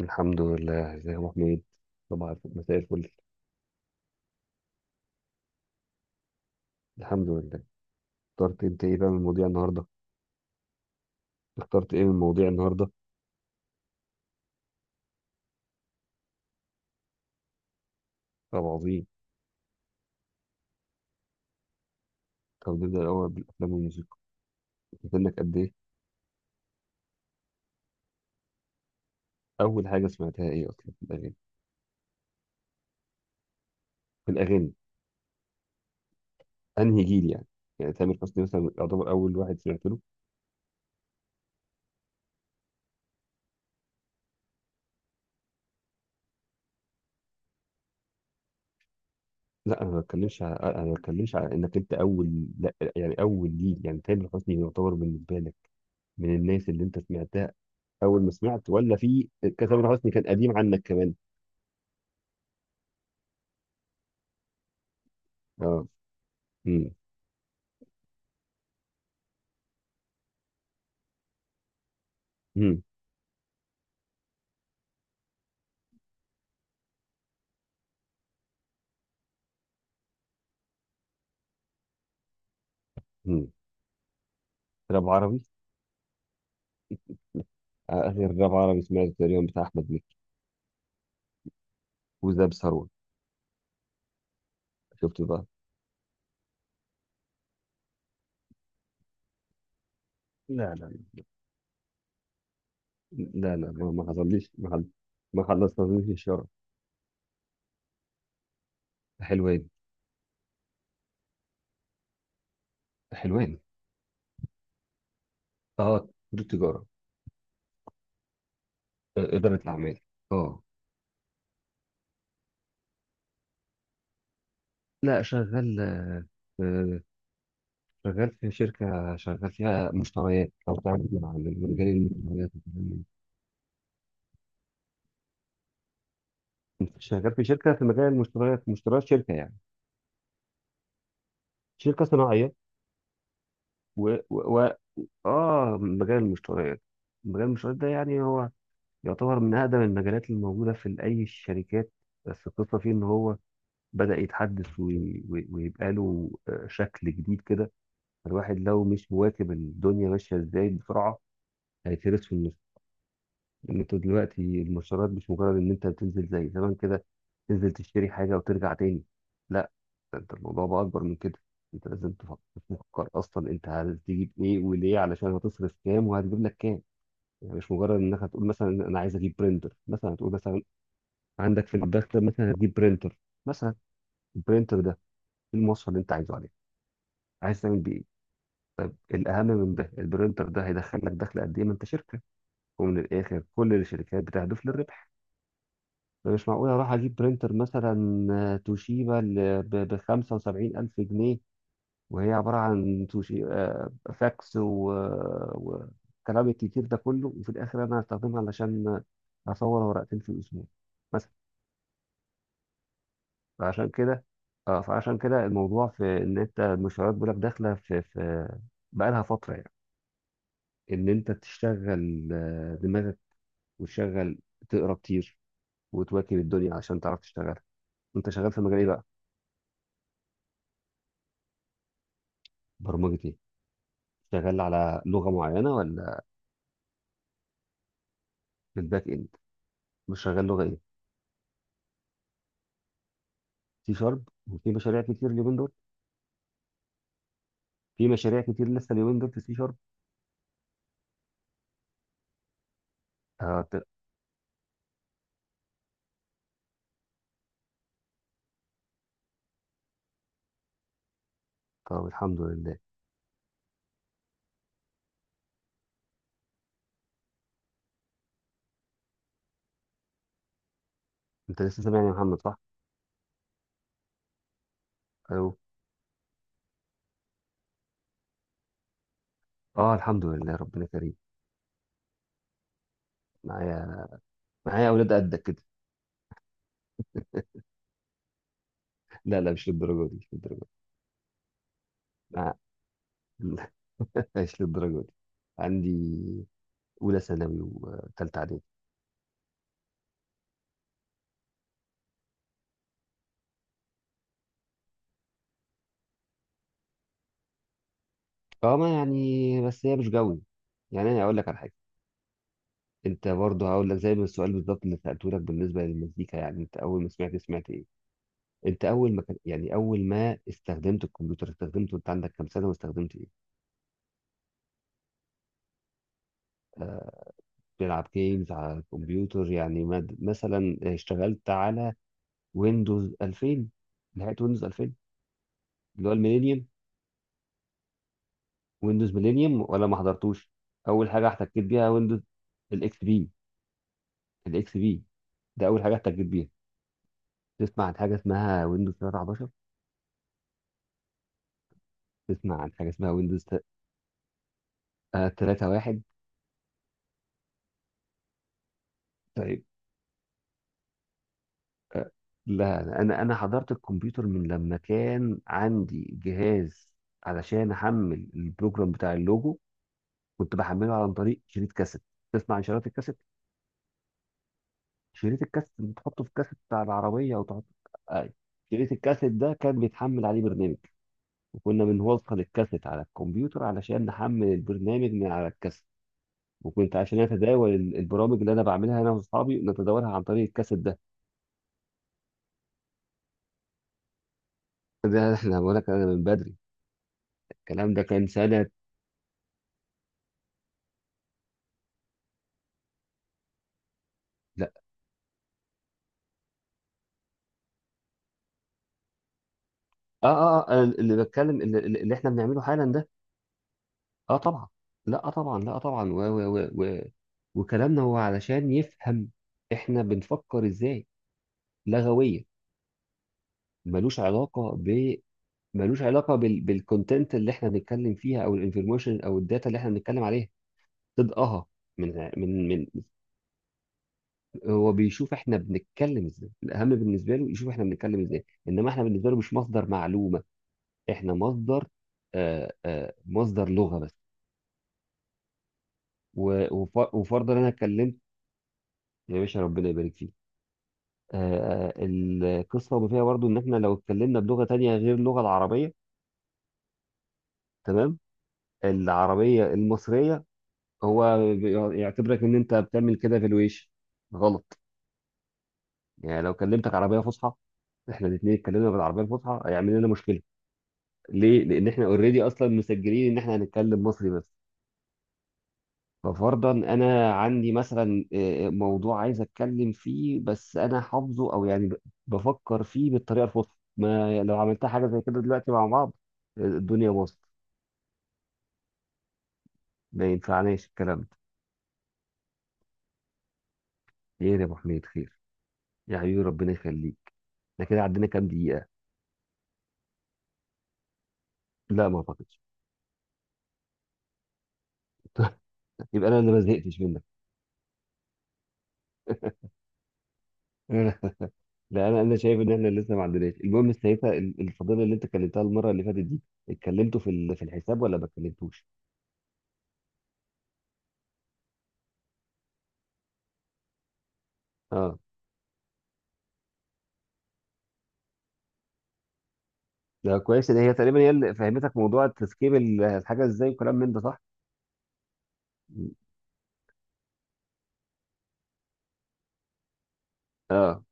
الحمد لله. ازيك يا ابو حميد؟ طبعا، مساء الفل. الحمد لله. اخترت انت ايه بقى من مواضيع النهارده؟ اخترت ايه من مواضيع النهارده؟ طب عظيم. طب نبدا الاول بالافلام والموسيقى. سنك قد ايه؟ اول حاجه سمعتها ايه اصلا في الاغاني؟ في الاغاني. انهي جيل يعني؟ يعني تامر حسني مثلا يعتبر اول واحد سمعت له. لا، انا ما بتكلمش على، انك انت اول، لا يعني اول جيل، يعني تامر حسني يعتبر بالنسبه لك من الناس اللي انت سمعتها. اول ما سمعت ولا في كان تامر حسني كان قديم عنك كمان؟ اه. امم مم. راب عربي. آخر راب عربي سمعته تقريبا بتاع أحمد مكي، وزاب ثروت. شفت بقى. لا لا لا لا، ما حصليش، ما خلصتنيش الشهر. حلوان. حلوان. اه، كل التجارة. إدارة الأعمال. اه. لا، شغال، آه، شغال في شركة، شغال فيها مشتريات أو تعمل مع مجال المشتريات والكلام من ده. شغال في شركة في مجال المشتريات، مشتريات شركة يعني، شركة صناعية. و, و... و... اه، مجال المشتريات. مجال المشتريات ده يعني هو يعتبر من أقدم المجالات الموجودة في أي الشركات. بس القصة فيه إن هو بدأ يتحدث ويبقى له شكل جديد كده. الواحد لو مش مواكب الدنيا ماشية إزاي بسرعة، هيترس في النص. إن أنت دلوقتي المشتريات مش مجرد إن أنت بتنزل زي زمان كده، تنزل تشتري حاجة وترجع تاني. لا، ده أنت الموضوع بقى أكبر من كده. أنت لازم تفكر أصلا أنت هتجيب إيه وليه، علشان هتصرف كام وهتجيب لك كام. يعني مش مجرد انك هتقول مثلا انا عايز اجيب برينتر. مثلا هتقول مثلا عندك في المدخل مثلا هتجيب برينتر. مثلا البرينتر ده ايه المواصفة اللي انت عايزه عليه؟ عايز تعمل بيه ايه؟ طيب الاهم من ده، البرينتر ده هيدخل لك دخل قد ايه، ما انت شركه. ومن الاخر كل الشركات بتهدف للربح. فمش معقول اروح اجيب برينتر مثلا توشيبا ب 75 الف جنيه، وهي عباره عن توشي آه، فاكس وكلام الكتير ده كله، وفي الاخر انا هستخدمها علشان اصور ورقتين في الاسبوع مثلا. فعشان كده، اه، فعشان كده الموضوع في ان انت المشروعات بيقول لك داخله في بقى لها فتره يعني، ان انت تشتغل دماغك وتشغل، تقرا كتير وتواكب الدنيا عشان تعرف تشتغل. انت شغال في مجال ايه بقى؟ برمجه ايه؟ شغال على لغه معينه ولا؟ في الباك اند مش شغال لغه ايه؟ سي شارب. وفي مشاريع كتير اليومين دول؟ في مشاريع كتير لسه اليومين دول في سي شارب. آه ت- طب الحمد لله. انت لسه سامعني يا محمد، صح؟ الو. اه الحمد لله، ربنا كريم. معايا. معايا اولاد قدك كده. لا لا، مش للدرجة دي، مش للدرجة دي. آه، مش للدرجة دي. عندي أولى ثانوي وثالثة إعدادي. فما يعني بس هي مش جوي. يعني أنا أقول لك على حاجة، أنت برضه هقول لك زي ما السؤال بالظبط اللي سألته لك بالنسبة للمزيكا، يعني أنت أول ما سمعت، سمعت إيه؟ أنت أول ما كان يعني أول ما استخدمت الكمبيوتر، استخدمته أنت عندك كام سنة واستخدمت إيه؟ آه، بتلعب جيمز على الكمبيوتر يعني، مثلا اشتغلت على ويندوز 2000، نهاية ويندوز 2000 اللي هو الميلينيوم. ويندوز ميلينيوم ولا ما حضرتوش؟ اول حاجه احتكيت بيها ويندوز؟ الاكس بي. الاكس بي ده اول حاجه احتكيت بيها. تسمع عن حاجه اسمها ويندوز 13؟ تسمع عن حاجه اسمها ويندوز 31؟ طيب. لا، انا حضرت الكمبيوتر من لما كان عندي جهاز، علشان احمل البروجرام بتاع اللوجو كنت بحمله عن طريق شريط كاسيت. تسمع عن شريط الكاسيت؟ شريط الكاسيت اللي تحطه في الكاسيت بتاع العربيه او تحط. أي. شريط الكاسيت ده كان بيتحمل عليه برنامج، وكنا بنوصل الكاسيت على الكمبيوتر علشان نحمل البرنامج من على الكاسيت. وكنت عشان اتداول البرامج اللي انا بعملها انا واصحابي نتداولها عن طريق الكاسيت ده. ده احنا بقول لك انا من بدري. الكلام ده كان سنه. لا. اه اه، أنا اللي بتكلم، اللي احنا بنعمله حالا ده. اه طبعا. لا، آه طبعا، لا، آه طبعا. و و و و وكلامنا هو علشان يفهم احنا بنفكر ازاي، لغويا. ملوش علاقه ب، ملوش علاقه بالكونتنت اللي احنا بنتكلم فيها او الانفورميشن او الداتا اللي احنا بنتكلم عليها. تضقها. من من من هو بيشوف احنا بنتكلم ازاي. الاهم بالنسبه له يشوف احنا بنتكلم ازاي، انما احنا بالنسبه له مش مصدر معلومه، احنا مصدر، مصدر لغه بس. وفرضا انا اتكلمت. يا باشا، ربنا يبارك فيك. القصه ما فيها برضو ان احنا لو اتكلمنا بلغه تانية غير اللغه العربيه، تمام، العربيه المصريه، هو يعتبرك ان انت بتعمل كده في الويش، غلط. يعني لو كلمتك عربيه فصحى، احنا الاثنين اتكلمنا بالعربيه الفصحى، هيعمل لنا مشكله. ليه؟ لأن احنا اوريدي أصلا مسجلين إن احنا هنتكلم مصري بس. ففرضا أنا عندي مثلا موضوع عايز أتكلم فيه، بس أنا حافظه أو يعني بفكر فيه بالطريقة الفصحى، ما لو عملتها حاجة زي كده دلوقتي مع بعض، الدنيا باظت. ما ينفعناش الكلام ده. خير يا أبو حميد خير. يا حبيبي، ربنا يخليك. احنا كده عدينا كام دقيقة؟ لا ما أعتقدش. يبقى أنا اللي ما زهقتش منك. لا، انا شايف ان احنا لسه ما عندناش. المهم ساعتها الفضيله اللي انت كلمتها المره اللي فاتت دي، اتكلمتوا في الحساب ولا ما اتكلمتوش؟ اه. ده كويس ان هي تقريبا هي اللي فهمتك موضوع تسكيب الحاجه ازاي وكلام من ده، صح؟ اه.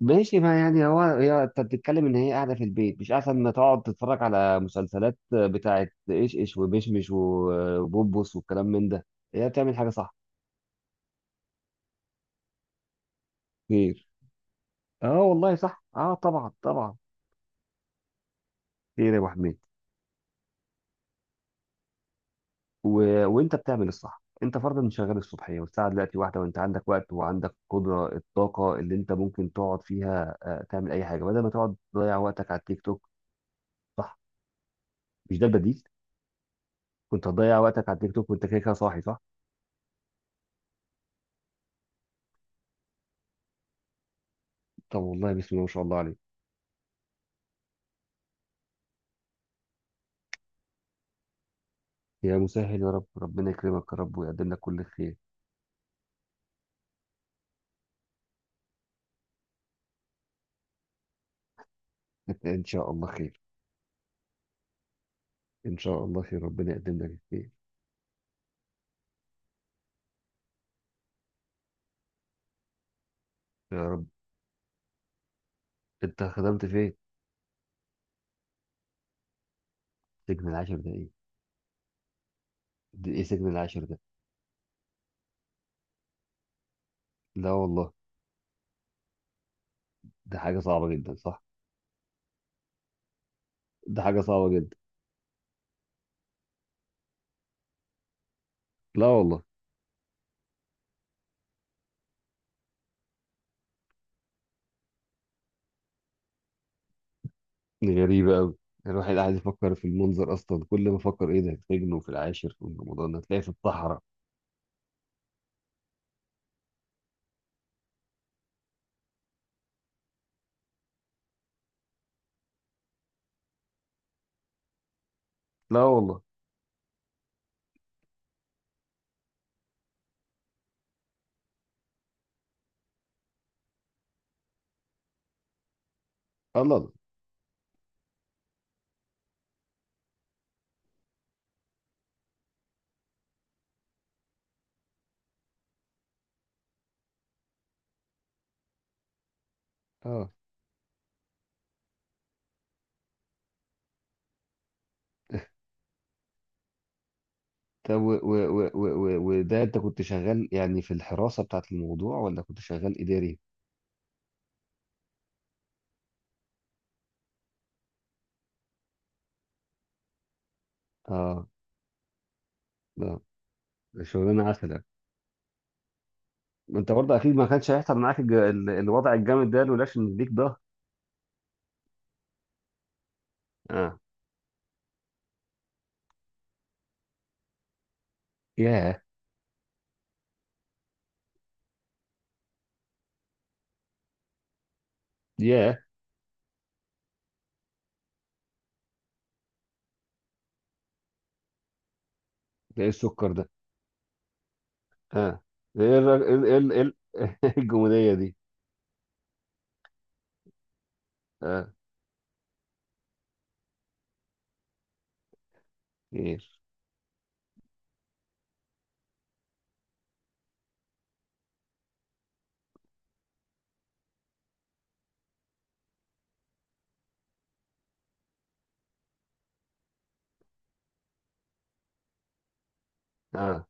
ماشي، ما يعني هو، هي انت بتتكلم ان هي قاعده في البيت مش احسن ما تقعد تتفرج على مسلسلات بتاعه ايش ايش ومشمش وبوبوس والكلام من ده، هي بتعمل حاجه صح. خير. اه والله صح، اه طبعا طبعا. خير يا ابو حميد. وانت بتعمل الصح. انت فرضا شغال الصبحيه والساعه دلوقتي واحده، وانت عندك وقت وعندك قدره الطاقه اللي انت ممكن تقعد فيها تعمل اي حاجه بدل ما تقعد تضيع وقتك على التيك توك، صح؟ مش ده البديل؟ كنت هتضيع وقتك على التيك توك وانت كده كده صاحي، صح؟ طب والله بسم الله ما شاء الله عليك. يا مسهل يا رب، ربنا يكرمك يا رب ويقدم لك كل خير. ان شاء الله خير. ان شاء الله خير، ربنا يقدم لك الخير. يا رب. انت خدمت فين؟ سجن العاشر ده ايه؟ ده ايه سجن العاشر ده؟ لا والله. ده حاجه صعبه جدا، صح؟ ده حاجه صعبه جدا. لا والله. دي غريبة أوي. الواحد قاعد يفكر في المنظر أصلا، كل ما أفكر إيه ده، هتجنوا في العاشر في رمضان، هتلاقي في الصحراء. لا والله. الله الله. آه. طب وده أنت كنت شغال يعني في الحراسة بتاعت الموضوع ولا كنت شغال إداري؟ آه. لا، ده شغلانة عسل يعني. ما أنت برضه أكيد ما كانش هيحصل معاك الوضع الجامد ده لولاش إن ليك ده. آه. ياه. ياه. ده إيه السكر ده؟ آه. ده إيه إيه الجمودية دي؟ آه. خير. آه.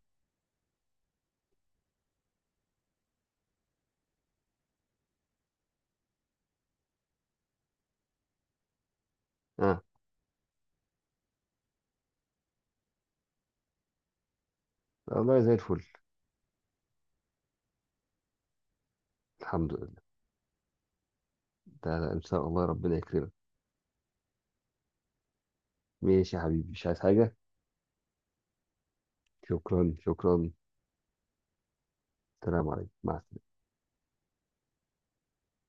آه والله زي الفل. الحمد لله. ده ان شاء الله ربنا يكرمك. ماشي يا حبيبي، مش عايز حاجة. شكرا شكرا. السلام عليكم، مع السلامة.